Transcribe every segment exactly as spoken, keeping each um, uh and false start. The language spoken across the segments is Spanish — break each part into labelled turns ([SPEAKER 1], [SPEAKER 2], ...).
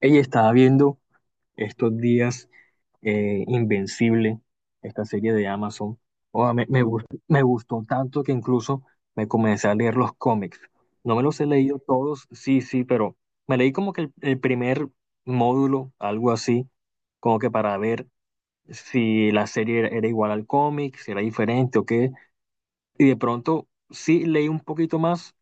[SPEAKER 1] Ella estaba viendo estos días eh, Invencible, esta serie de Amazon. Oh, me, me gust- me gustó tanto que incluso me comencé a leer los cómics. No me los he leído todos, sí, sí, pero me leí como que el, el primer módulo, algo así, como que para ver si la serie era, era igual al cómic, si era diferente o qué. Y de pronto sí leí un poquito más,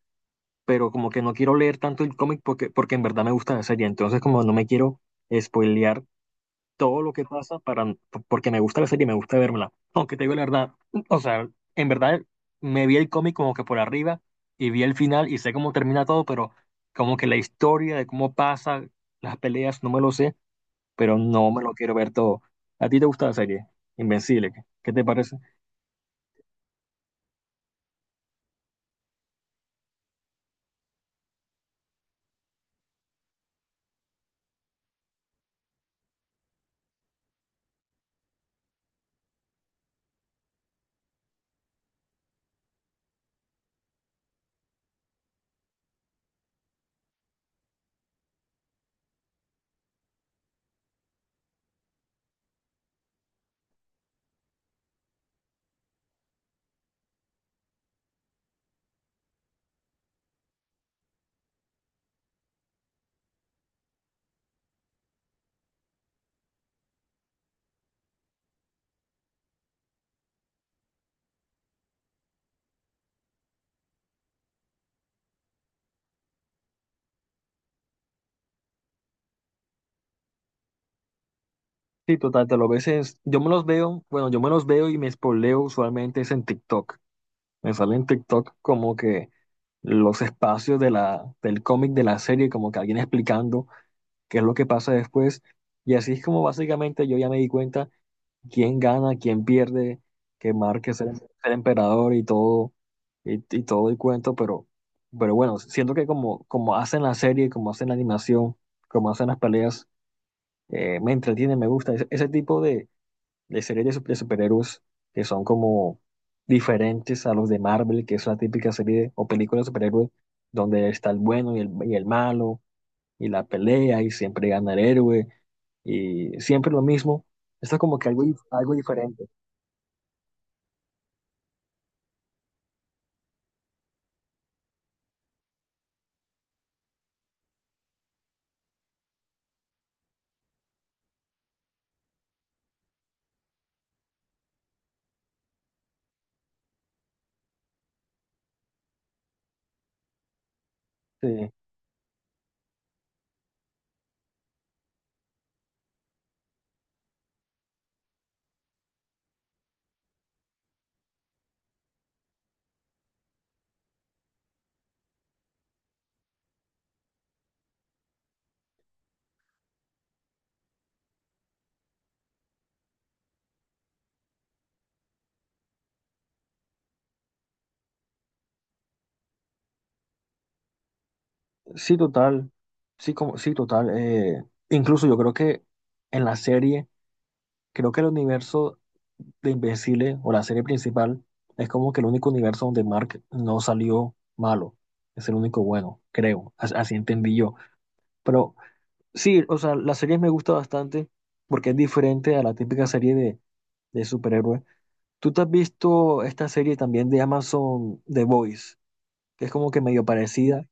[SPEAKER 1] pero como que no quiero leer tanto el cómic porque, porque en verdad me gusta la serie. Entonces como no me quiero spoilear todo lo que pasa para, porque me gusta la serie y me gusta verla. Aunque te digo la verdad, o sea, en verdad me vi el cómic como que por arriba y vi el final y sé cómo termina todo, pero como que la historia de cómo pasa, las peleas, no me lo sé, pero no me lo quiero ver todo. ¿A ti te gusta la serie? Invencible, ¿qué qué te parece? Sí, total, te lo ves, es- yo me los veo, bueno, yo me los veo y me espoleo usualmente es en TikTok. Me sale en TikTok como que los espacios de la, del cómic de la serie, como que alguien explicando qué es lo que pasa después. Y así es como básicamente yo ya me di cuenta quién gana, quién pierde, que Mark es el, el emperador y todo, y, y todo el cuento, pero, pero bueno, siento que como, como hacen la serie, como hacen la animación, como hacen las peleas, eh, me entretiene, me gusta. Ese, ese tipo de, de series de, su- de superhéroes que son como diferentes a los de Marvel, que es la típica serie de- o película de superhéroes donde está el bueno y el, y el malo y la pelea y siempre gana el héroe y siempre lo mismo. Esto como que algo, dif- algo diferente. Sí, sí, total. Sí, como, sí, total. eh, incluso yo creo que en la serie, creo que el universo de Invencible o la serie principal es como que el único universo donde Mark no salió malo. Es el único bueno, creo. as- Así entendí yo. Pero sí, o sea, la serie me gusta bastante porque es diferente a la típica serie de, de superhéroes. ¿Tú te has visto esta serie también de Amazon, The Voice, que es como que medio parecida?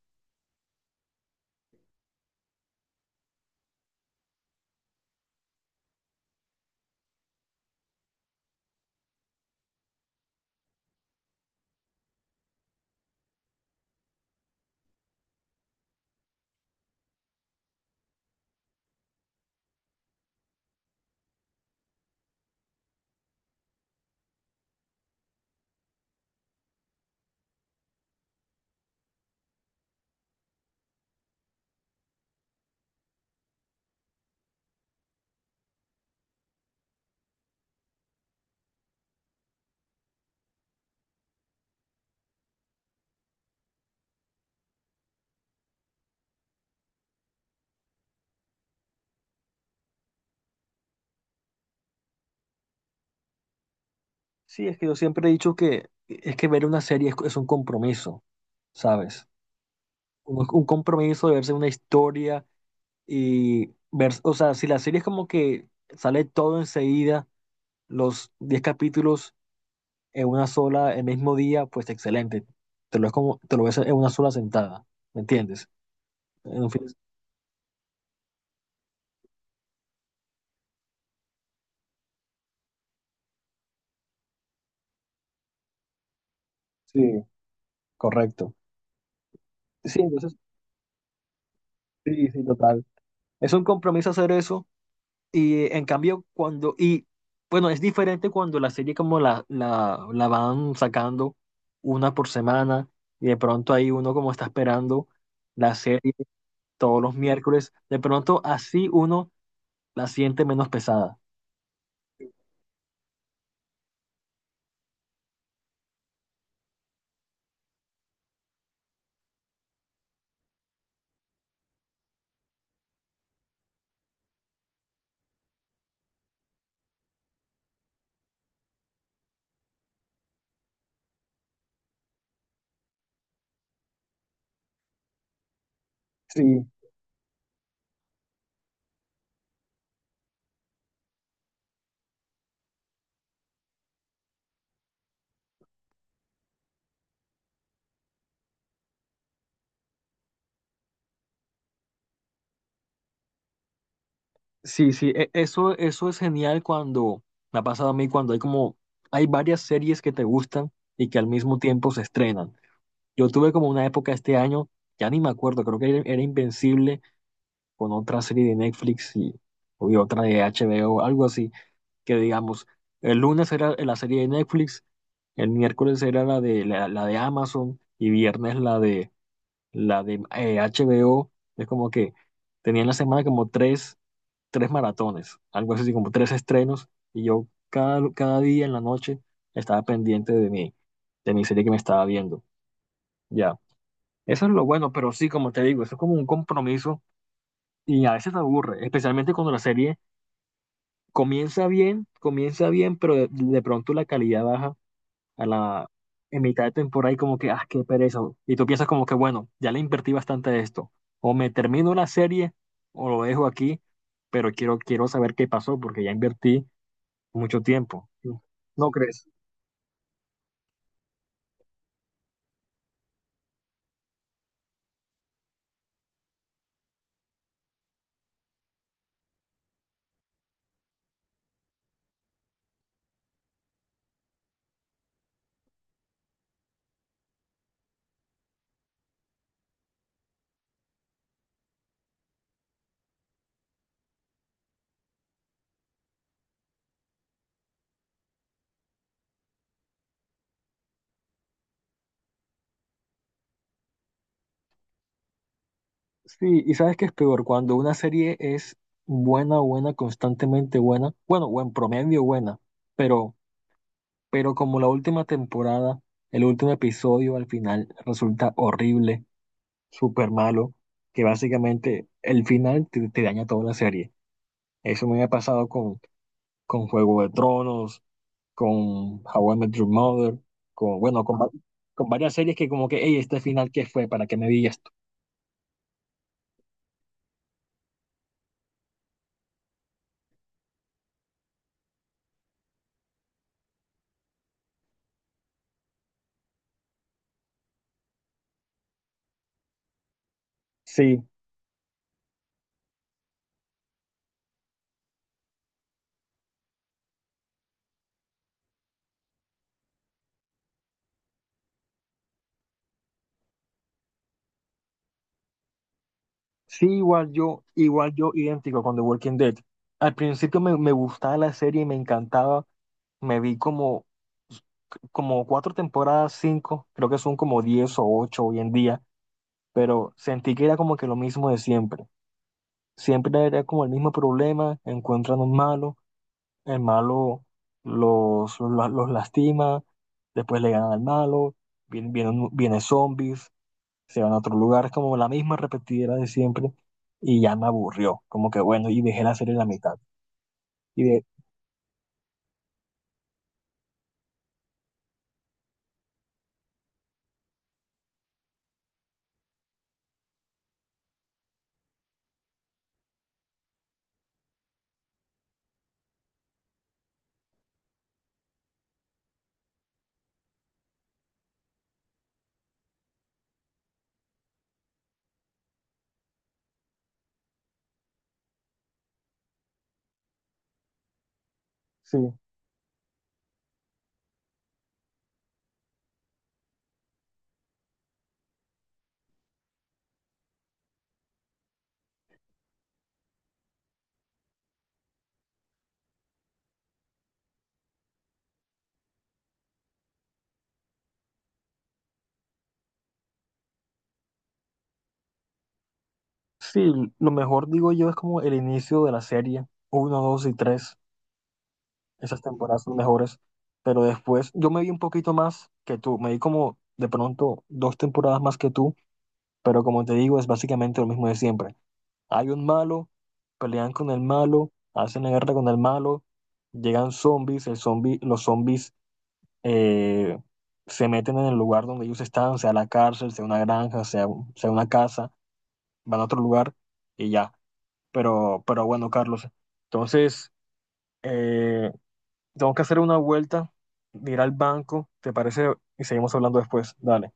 [SPEAKER 1] Sí, es que yo siempre he dicho que es que ver una serie es, es un compromiso, ¿sabes? Un, un compromiso de verse una historia y ver, o sea, si la serie es como que sale todo enseguida, los diez capítulos en una sola, el mismo día, pues excelente. Te lo, es como, te lo ves en una sola sentada, ¿me entiendes? En un fin de- sí, correcto. Sí, entonces, sí, sí, total. Es un compromiso hacer eso. Y en cambio, cuando, y bueno, es diferente cuando la serie como la, la, la van sacando una por semana y de pronto ahí uno como está esperando la serie todos los miércoles, de pronto así uno la siente menos pesada. Sí. Sí, sí, e- eso, eso es genial cuando me ha pasado a mí, cuando hay como, hay varias series que te gustan y que al mismo tiempo se estrenan. Yo tuve como una época este año, ya ni me acuerdo, creo que era, era Invencible con otra serie de Netflix y, y otra de H B O, algo así, que digamos, el lunes era la serie de Netflix, el miércoles era la de, la, la de Amazon y viernes la de, la de eh, H B O. Es como que tenía en la semana como tres, tres maratones, algo así como tres estrenos y yo cada, cada día en la noche estaba pendiente de mi, de mi serie que me estaba viendo. Ya. Eso es lo bueno, pero sí, como te digo, eso es como un compromiso y a veces te aburre, especialmente cuando la serie comienza bien, comienza bien, pero de, de pronto la calidad baja a la, en mitad de temporada y como que, ah, qué pereza. Y tú piensas como que, bueno, ya le invertí bastante de esto. O me termino la serie o lo dejo aquí, pero quiero, quiero saber qué pasó porque ya invertí mucho tiempo. ¿No crees? Sí, y sabes que es peor cuando una serie es buena, buena, constantemente buena, bueno, buen promedio buena, pero, pero como la última temporada, el último episodio al final resulta horrible, súper malo, que básicamente el final te, te daña toda la serie. Eso me ha pasado con, con Juego de Tronos, con How I Met Your Mother, con, bueno, con, va- con varias series que como que, hey, este final, ¿qué fue? ¿Para qué me vi esto? Sí, sí, igual yo, igual yo, idéntico con The Walking Dead. Al principio me, me gustaba la serie y me encantaba. Me vi como, como cuatro temporadas, cinco, creo que son como diez o ocho hoy en día, pero sentí que era como que lo mismo de siempre. Siempre era como el mismo problema, encuentran un malo, el malo los, los, los lastima, después le ganan al malo, vienen, vienen, vienen zombies, se van a otro lugar, es como la misma repetidera de siempre, y ya me aburrió, como que bueno, y dejé la serie en la mitad. Y de, sí, sí, lo mejor digo yo es como el inicio de la serie, uno, dos y tres, esas temporadas son mejores, pero después yo me vi un poquito más que tú, me vi como de pronto dos temporadas más que tú. Pero como te digo, es básicamente lo mismo de siempre. Hay un malo, pelean con el malo, hacen la guerra con el malo, llegan zombies, el zombi, los zombies eh, se meten en el lugar donde ellos están, sea la cárcel, sea una granja, sea, un- sea una casa, van a otro lugar y ya. Pero, pero bueno, Carlos, entonces eh, tengo que hacer una vuelta, ir al banco, ¿te parece? Y seguimos hablando después. Dale.